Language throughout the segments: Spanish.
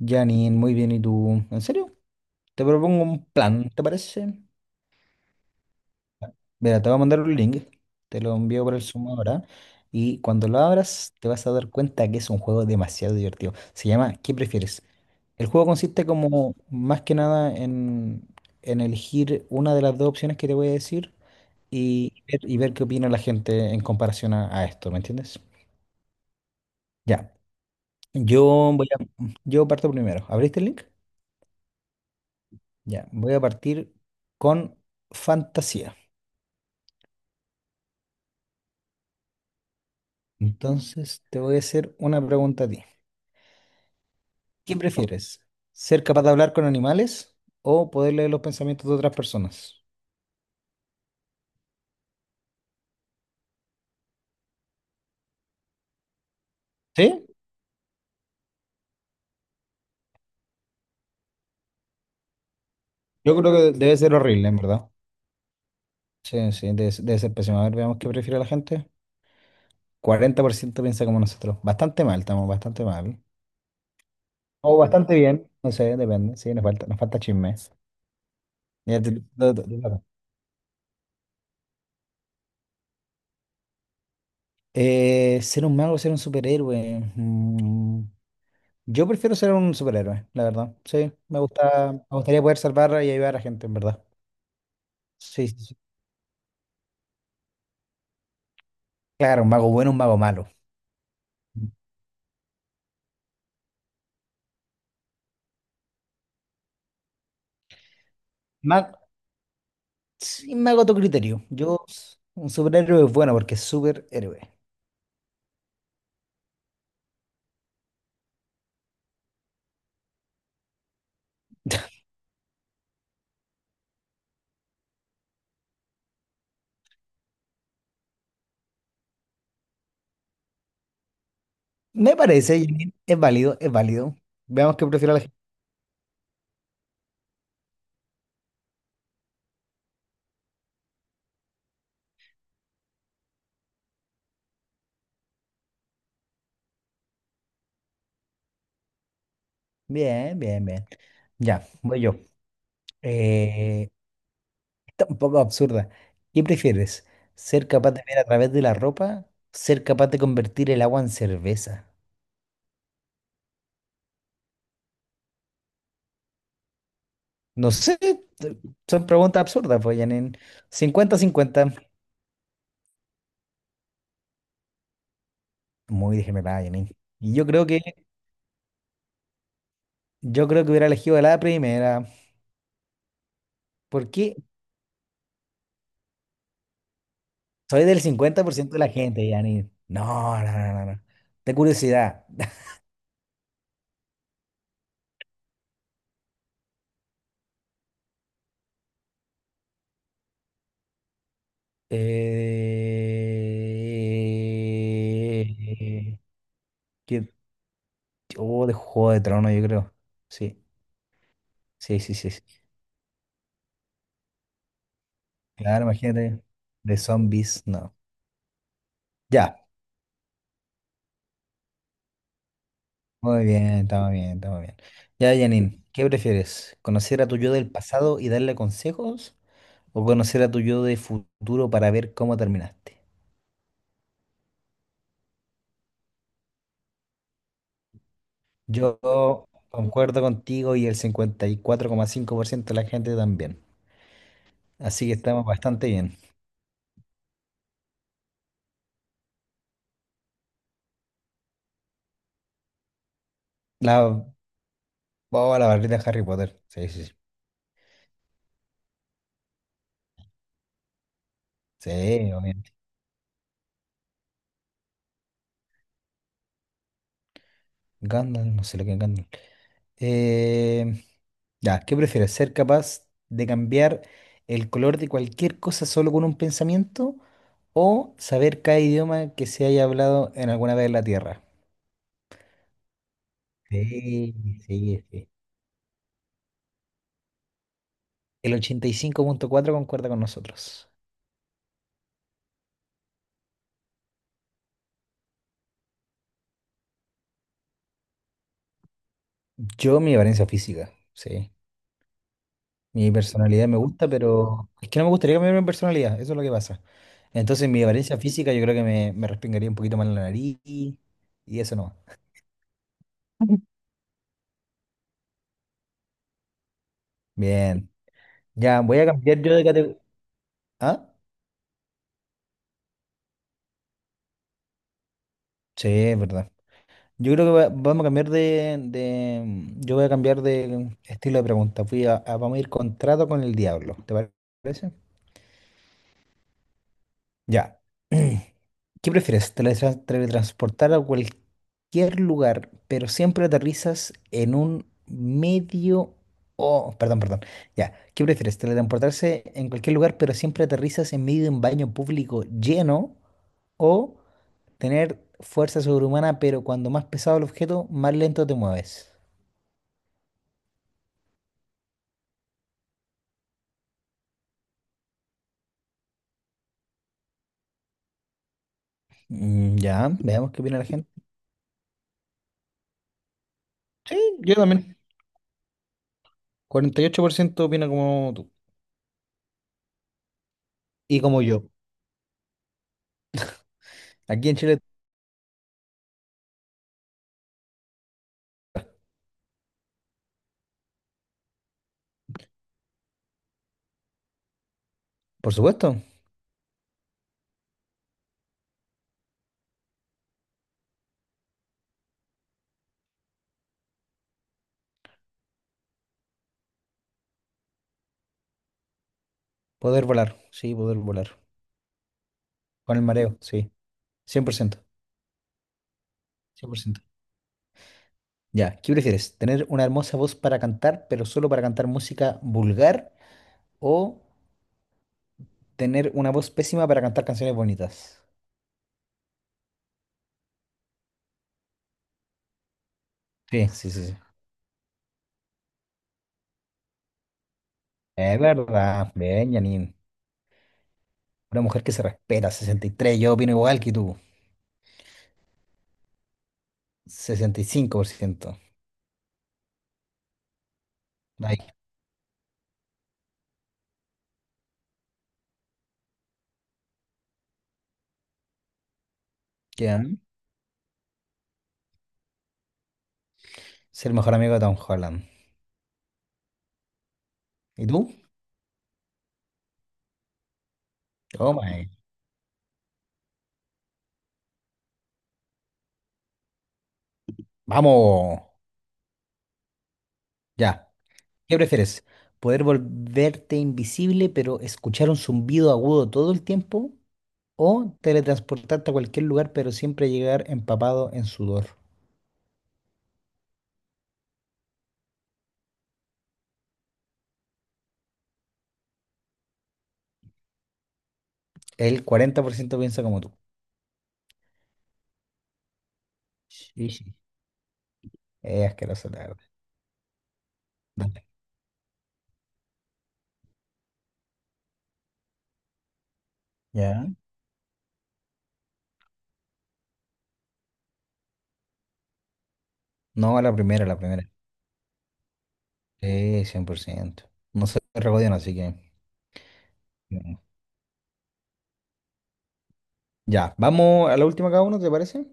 Janine, muy bien, ¿y tú? ¿En serio? Te propongo un plan, ¿te parece? Mira, te voy a mandar un link, te lo envío por el Zoom ahora, y cuando lo abras te vas a dar cuenta que es un juego demasiado divertido. Se llama ¿Qué prefieres? El juego consiste como más que nada en elegir una de las dos opciones que te voy a decir y ver qué opina la gente en comparación a esto, ¿me entiendes? Ya, yo voy a, yo parto primero. ¿Abriste el link? Ya, voy a partir con fantasía. Entonces, te voy a hacer una pregunta a ti. ¿Qué prefieres? ¿Ser capaz de hablar con animales o poder leer los pensamientos de otras personas? ¿Sí? Yo creo que debe ser horrible, en verdad. Sí, sí, debe ser pésimo. A ver, veamos qué prefiere la gente. 40% piensa como nosotros. Bastante mal, estamos bastante mal. O bastante bien, no sé, depende. Sí, nos falta chisme. Ya te toca. Ser un superhéroe. Mm. Yo prefiero ser un superhéroe, la verdad. Sí, me gustaría poder salvar y ayudar a gente, en verdad. Sí, sí, sí. Claro, un mago bueno, un mago malo. Ma- sí, me hago tu criterio. Un superhéroe es bueno porque es superhéroe. Me parece, Janine, es válido, es válido. Veamos qué prefiere la gente. Bien, bien, bien. Ya, voy yo. Eh, está un poco absurda. ¿Qué prefieres? ¿Ser capaz de ver a través de la ropa? ¿Ser capaz de convertir el agua en cerveza? No sé, t- son preguntas absurdas, pues, Janine. Cincuenta cincuenta. Muy discriminada, Janine. Y yo creo que hubiera elegido la primera. Porque soy del 50% de la gente, Janine. No, no, no, no, no. De curiosidad. Eh, que- oh, de Juego de Tronos, yo creo. Sí, sí, sí, sí, sí. Claro, imagínate. De zombies, no. Ya. Muy bien, estamos bien, estamos bien. Ya, Janine, ¿qué prefieres? ¿Conocer a tu yo del pasado y darle consejos? ¿O conocer a tu yo de futuro para ver cómo terminaste? Yo concuerdo contigo y el 54,5% de la gente también. Así que estamos bastante bien. La, oh, la barrita de Harry Potter. Sí, sí, sí. Sí, obviamente. Gandalf, no sé lo que es Gandalf. Eh, ya, ¿qué prefieres? ¿Ser capaz de cambiar el color de cualquier cosa solo con un pensamiento o saber cada idioma que se haya hablado en alguna vez en la Tierra? Sí, sí, sí. El 85,4% concuerda con nosotros. Yo, mi apariencia física, sí. Mi personalidad me gusta, pero es que no me gustaría cambiar mi personalidad, eso es lo que pasa. Entonces, mi apariencia física yo creo que me respingaría un poquito más la nariz y eso no. Bien, ya, voy a cambiar yo de categoría. ¿Ah? Sí, es verdad. Yo creo que vamos a cambiar yo voy a cambiar de estilo de pregunta. Vamos a ir contrato con el diablo. ¿Parece? Ya. ¿Qué prefieres? ¿Teletransportar a cualquier lugar, pero siempre aterrizas en un medio... o perdón, perdón. Ya. ¿Qué prefieres? ¿Teletransportarse en cualquier lugar, pero siempre aterrizas en medio de un baño público lleno, o tener fuerza sobrehumana, pero cuando más pesado el objeto, más lento te mueves? Mm, ya, veamos qué opina la gente. Sí, yo también. 48% opina como tú. Y como yo. Aquí en Chile, por supuesto, poder volar. Sí, poder volar. Con el mareo, sí. Cien, 100%, cien por ciento. Ya, ¿qué prefieres? ¿Tener una hermosa voz para cantar, pero solo para cantar música vulgar? ¿O tener una voz pésima para cantar canciones bonitas? Sí, sí, sí, sí. Es verdad, bien, Janine. Una mujer que se respeta, 63. Yo opino igual que tú, 65%. Ahí queda. Ser el mejor amigo de Tom Holland. ¿Y tú? Toma, eh. Vamos. Ya. ¿Qué prefieres? ¿Poder volverte invisible pero escuchar un zumbido agudo todo el tiempo? ¿O teletransportarte a cualquier lugar pero siempre llegar empapado en sudor? El 40% piensa como tú. Sí, sí. Es asqueroso, la verdad. Dale. Ya. No, la primera, la primera. Sí, 100%. No se regodean, así que... mm. Ya, vamos a la última cada uno, ¿te parece?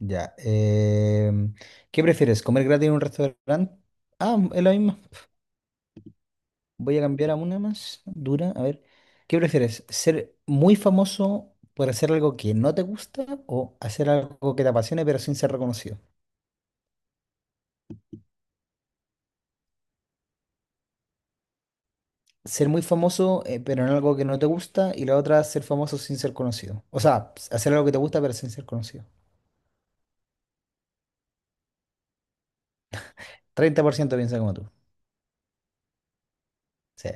Ya. ¿Qué prefieres? ¿Comer gratis en un restaurante? Ah, es la misma. Voy a cambiar a una más dura. A ver. ¿Qué prefieres? ¿Ser muy famoso por hacer algo que no te gusta o hacer algo que te apasione pero sin ser reconocido? Ser muy famoso pero en algo que no te gusta y la otra ser famoso sin ser conocido. O sea, hacer algo que te gusta pero sin ser conocido. 30% piensa como tú. Sí.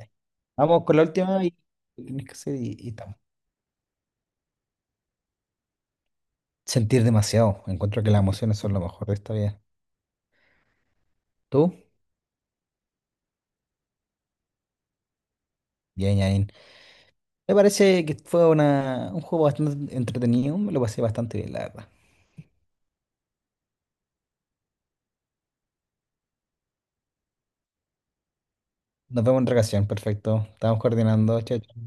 Vamos con la última y estamos. Sentir demasiado. Encuentro que las emociones son lo mejor de esta vida. ¿Tú? Bien, Yain. Me parece que fue un juego bastante entretenido. Me lo pasé bastante bien, la verdad. Nos vemos en otra ocasión. Perfecto. Estamos coordinando. Chao, chao.